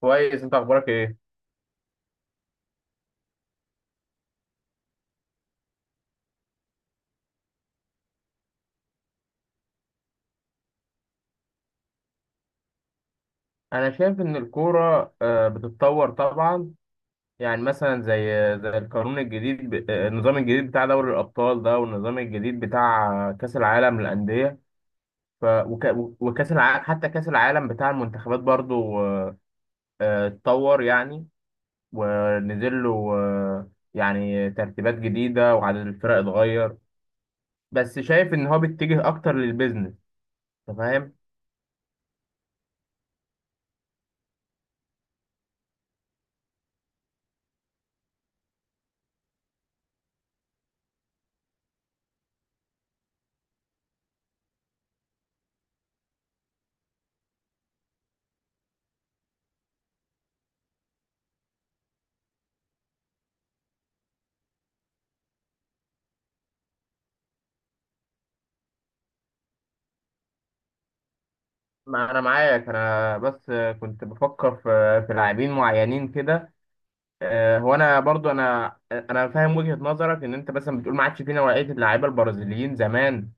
كويس، انت اخبارك ايه؟ انا شايف ان الكوره بتتطور طبعا. يعني مثلا زي القانون الجديد، النظام الجديد بتاع دوري الابطال ده، والنظام الجديد بتاع كاس العالم للانديه. ف وك... وكاس العالم، حتى كاس العالم بتاع المنتخبات برضو اتطور يعني، ونزل له يعني ترتيبات جديده، وعدد الفرق اتغير، بس شايف ان هو بيتجه اكتر للبيزنس. انت فاهم؟ ما انا معاك، انا بس كنت بفكر في لاعبين معينين كده. هو انا برضو، انا فاهم وجهة نظرك، ان انت مثلا بتقول ما عادش في نوعية اللعيبة البرازيليين زمان،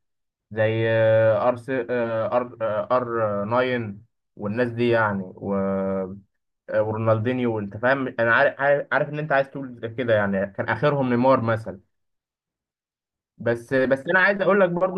زي آه، ار س- آه، ار آه، ار 9 والناس دي، يعني ورونالدينيو، وانت فاهم، انا عارف ان انت عايز تقول كده، يعني كان اخرهم نيمار مثلا. بس انا عايز اقول لك برضو،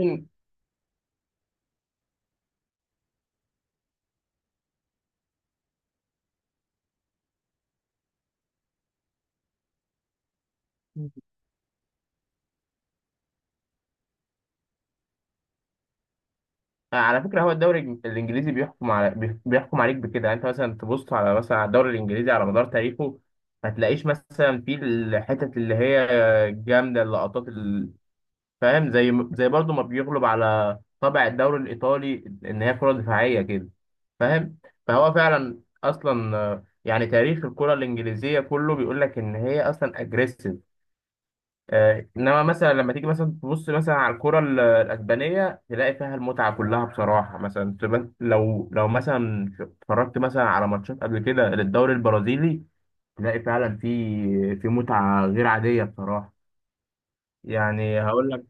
على فكرة، هو الدوري الإنجليزي بيحكم على بيحكم عليك بكده. يعني أنت مثلا تبص على مثلا على الدوري الإنجليزي على مدار تاريخه، ما تلاقيش مثلا فيه الحتت اللي هي جامدة، اللقطات فاهم؟ زي برضه ما بيغلب على طابع الدوري الإيطالي، إن هي كرة دفاعية كده، فاهم؟ فهو فعلا أصلا يعني تاريخ الكرة الإنجليزية كله بيقول لك إن هي أصلا أجريسيف. انما مثلا لما تيجي مثلا تبص مثلا على الكرة الاسبانيه، تلاقي فيها المتعه كلها بصراحه. مثلا لو مثلا اتفرجت مثلا على ماتشات قبل كده للدوري البرازيلي، تلاقي فعلا في متعه غير عاديه بصراحه. يعني هقول لك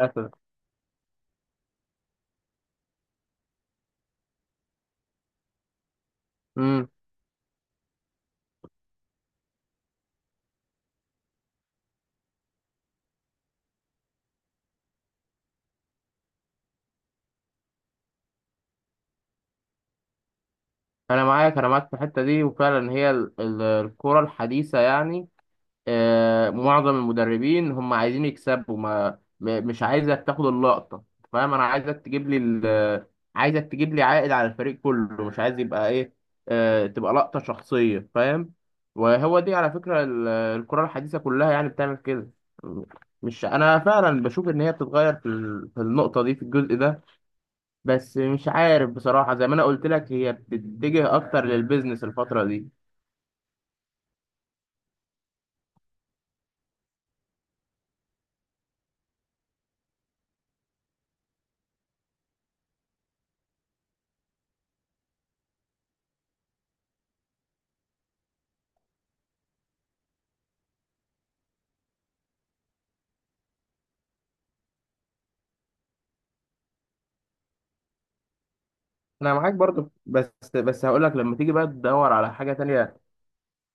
مثلا، امم انا معاك. انا معاك في الحته دي، وفعلا هي الكرة الحديثه يعني، معظم المدربين هم عايزين يكسبوا، ما م- مش عايزك تاخد اللقطة، فاهم؟ انا عايزك تجيب لي عايزك تجيب لي عائد على الفريق كله، مش عايز يبقى ايه، تبقى لقطة شخصية، فاهم؟ وهو دي على فكرة الكرة الحديثة كلها يعني بتعمل كده، مش انا فعلا بشوف ان هي بتتغير في في النقطة دي، في الجزء ده. بس مش عارف بصراحة، زي ما انا قلت لك، هي بتتجه اكتر للبيزنس الفترة دي. انا معاك برضو، بس هقول لك لما تيجي بقى تدور على حاجه تانية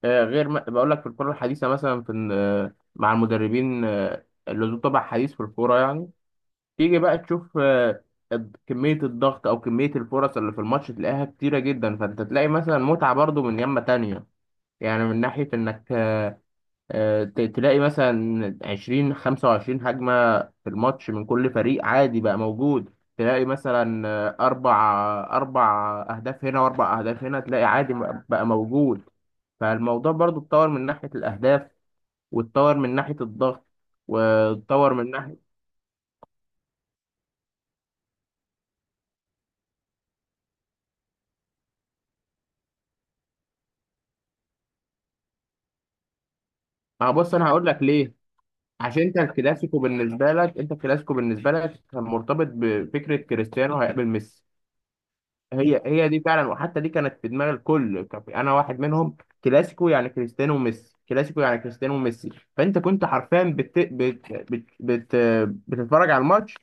غير ما بقول لك في الكره الحديثه، مثلا في إن، آه، مع المدربين اللي ذو طبع حديث في الكوره يعني، تيجي بقى تشوف كميه الضغط او كميه الفرص اللي في الماتش، تلاقيها كتيره جدا. فانت تلاقي مثلا متعه برضو من يمه تانية، يعني من ناحيه انك تلاقي مثلا 20 25 هجمة في الماتش من كل فريق، عادي بقى موجود. تلاقي مثلا أربع أهداف هنا، وأربع أهداف هنا، تلاقي عادي بقى موجود. فالموضوع برضو اتطور من ناحية الأهداف، واتطور من ناحية الضغط، واتطور من ناحية. ما هو بص، أنا هقول لك ليه. عشان أنت الكلاسيكو بالنسبة لك، أنت الكلاسيكو بالنسبة لك كان مرتبط بفكرة كريستيانو هيقابل ميسي. هي هي دي فعلا، وحتى دي كانت في دماغ الكل، كان انا واحد منهم. كلاسيكو يعني كريستيانو وميسي، كلاسيكو يعني كريستيانو وميسي، فانت كنت حرفيا بتتفرج على الماتش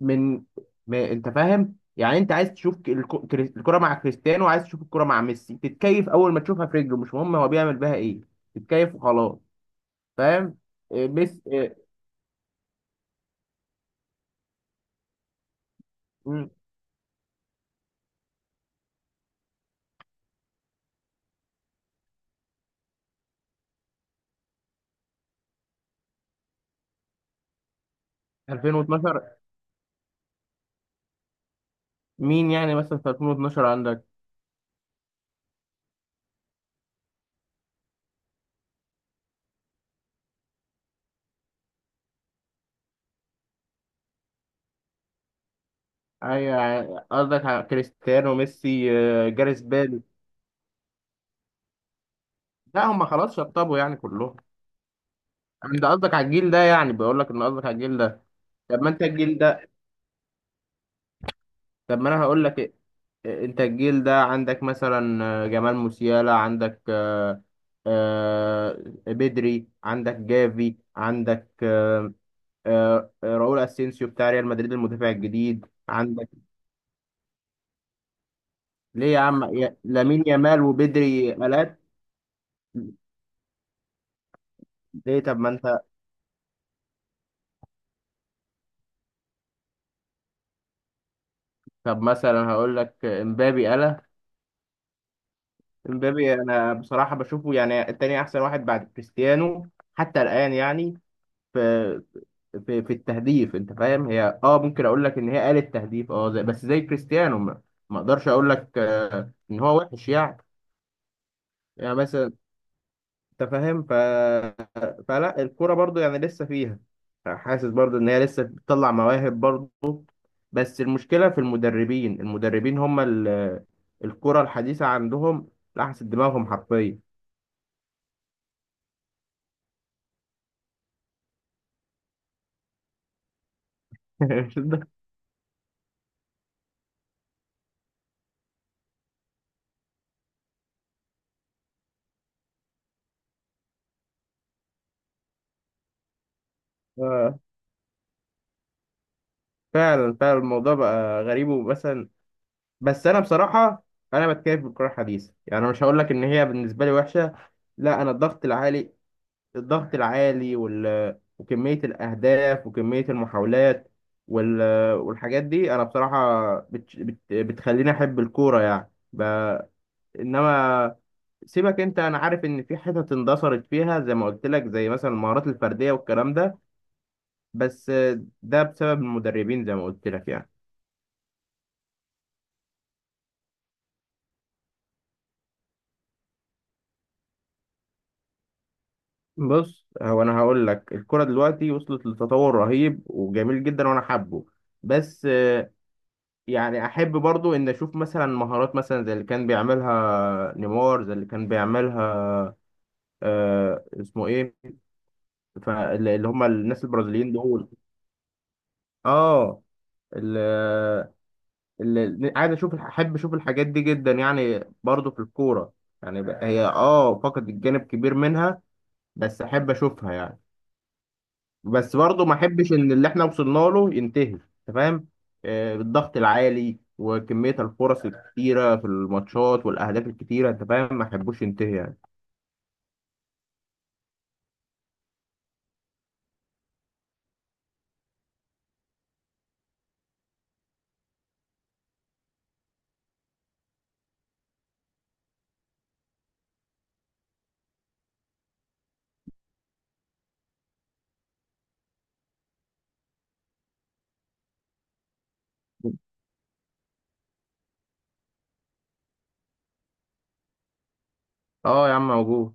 من، ما انت فاهم يعني. انت عايز تشوف الكرة مع كريستيانو، وعايز تشوف الكرة مع ميسي، تتكيف اول ما تشوفها في رجله، مش مهم هو بيعمل بيها ايه، تتكيف وخلاص، فاهم؟ إيه، ميسي، إيه، مم، 2012. مين يعني مثلا في 2012 عندك؟ ايوه، قصدك على كريستيانو ميسي. جاريث بيل؟ لا، هم خلاص شطبوا يعني كلهم. انت قصدك على الجيل ده يعني، بقول لك ان قصدك على الجيل ده. طب ما انت الجيل ده، طب ما انا هقول لك إيه. إيه، انت الجيل ده عندك مثلا جمال موسيالا، عندك آه، بدري، عندك جافي، عندك راؤول اسينسيو بتاع ريال مدريد المدافع الجديد، عندك ليه يا عم لامين يامال وبدري الات؟ ليه؟ طب ما انت، طب مثلا هقول لك امبابي. انا امبابي انا بصراحه بشوفه يعني التاني احسن واحد بعد كريستيانو حتى الان يعني، في في, في, التهديف، انت فاهم؟ هي ممكن اقول لك ان هي قالت تهديف، زي، بس زي كريستيانو، ما ما اقدرش اقول لك ان هو وحش يعني. يعني مثلا، انت فاهم، فلا، الكوره برضو يعني لسه فيها، حاسس برضو ان هي لسه بتطلع مواهب برضو. بس المشكله في المدربين هم الكوره الحديثه عندهم لحست دماغهم حرفيا. آه، فعلا فعلا، الموضوع بقى غريب ومثلا، بس انا بصراحه انا بتكيف بالكره الحديثه يعني. أنا مش هقول لك ان هي بالنسبه لي وحشه، لا. انا الضغط العالي، الضغط العالي وكمية الأهداف وكمية المحاولات وال... والحاجات دي، أنا بصراحة بتخليني أحب الكورة يعني، إنما سيبك أنت، أنا عارف إن في حتت اندثرت فيها، زي ما قلت لك، زي مثلا المهارات الفردية والكلام ده، بس ده بسبب المدربين زي ما قلت لك يعني. بص، هو أنا هقول لك الكورة دلوقتي وصلت لتطور رهيب وجميل جدا، وأنا حابه، بس يعني احب برضو ان اشوف مثلا مهارات مثلا زي اللي كان بيعملها نيمار، زي اللي كان بيعملها، اسمه ايه، فاللي هم الناس البرازيليين دول. اه اللي, اللي عايز اشوف، احب اشوف الحاجات دي جدا يعني، برضو في الكورة، يعني هي فقد الجانب كبير منها. بس احب اشوفها يعني، بس برضه ما احبش ان اللي احنا وصلنا له ينتهي. انت فاهم، بالضغط العالي وكمية الفرص الكتيرة في الماتشات والاهداف الكتيرة، انت فاهم، ما احبوش ينتهي يعني. اه يا عم، موجود.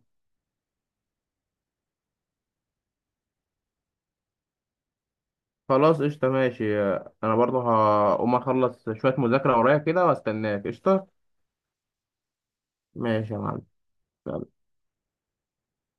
خلاص، قشطة، ماشي. انا برضه هقوم اخلص شوية مذاكرة ورايا كده واستناك، قشطة، ماشي يا معلم.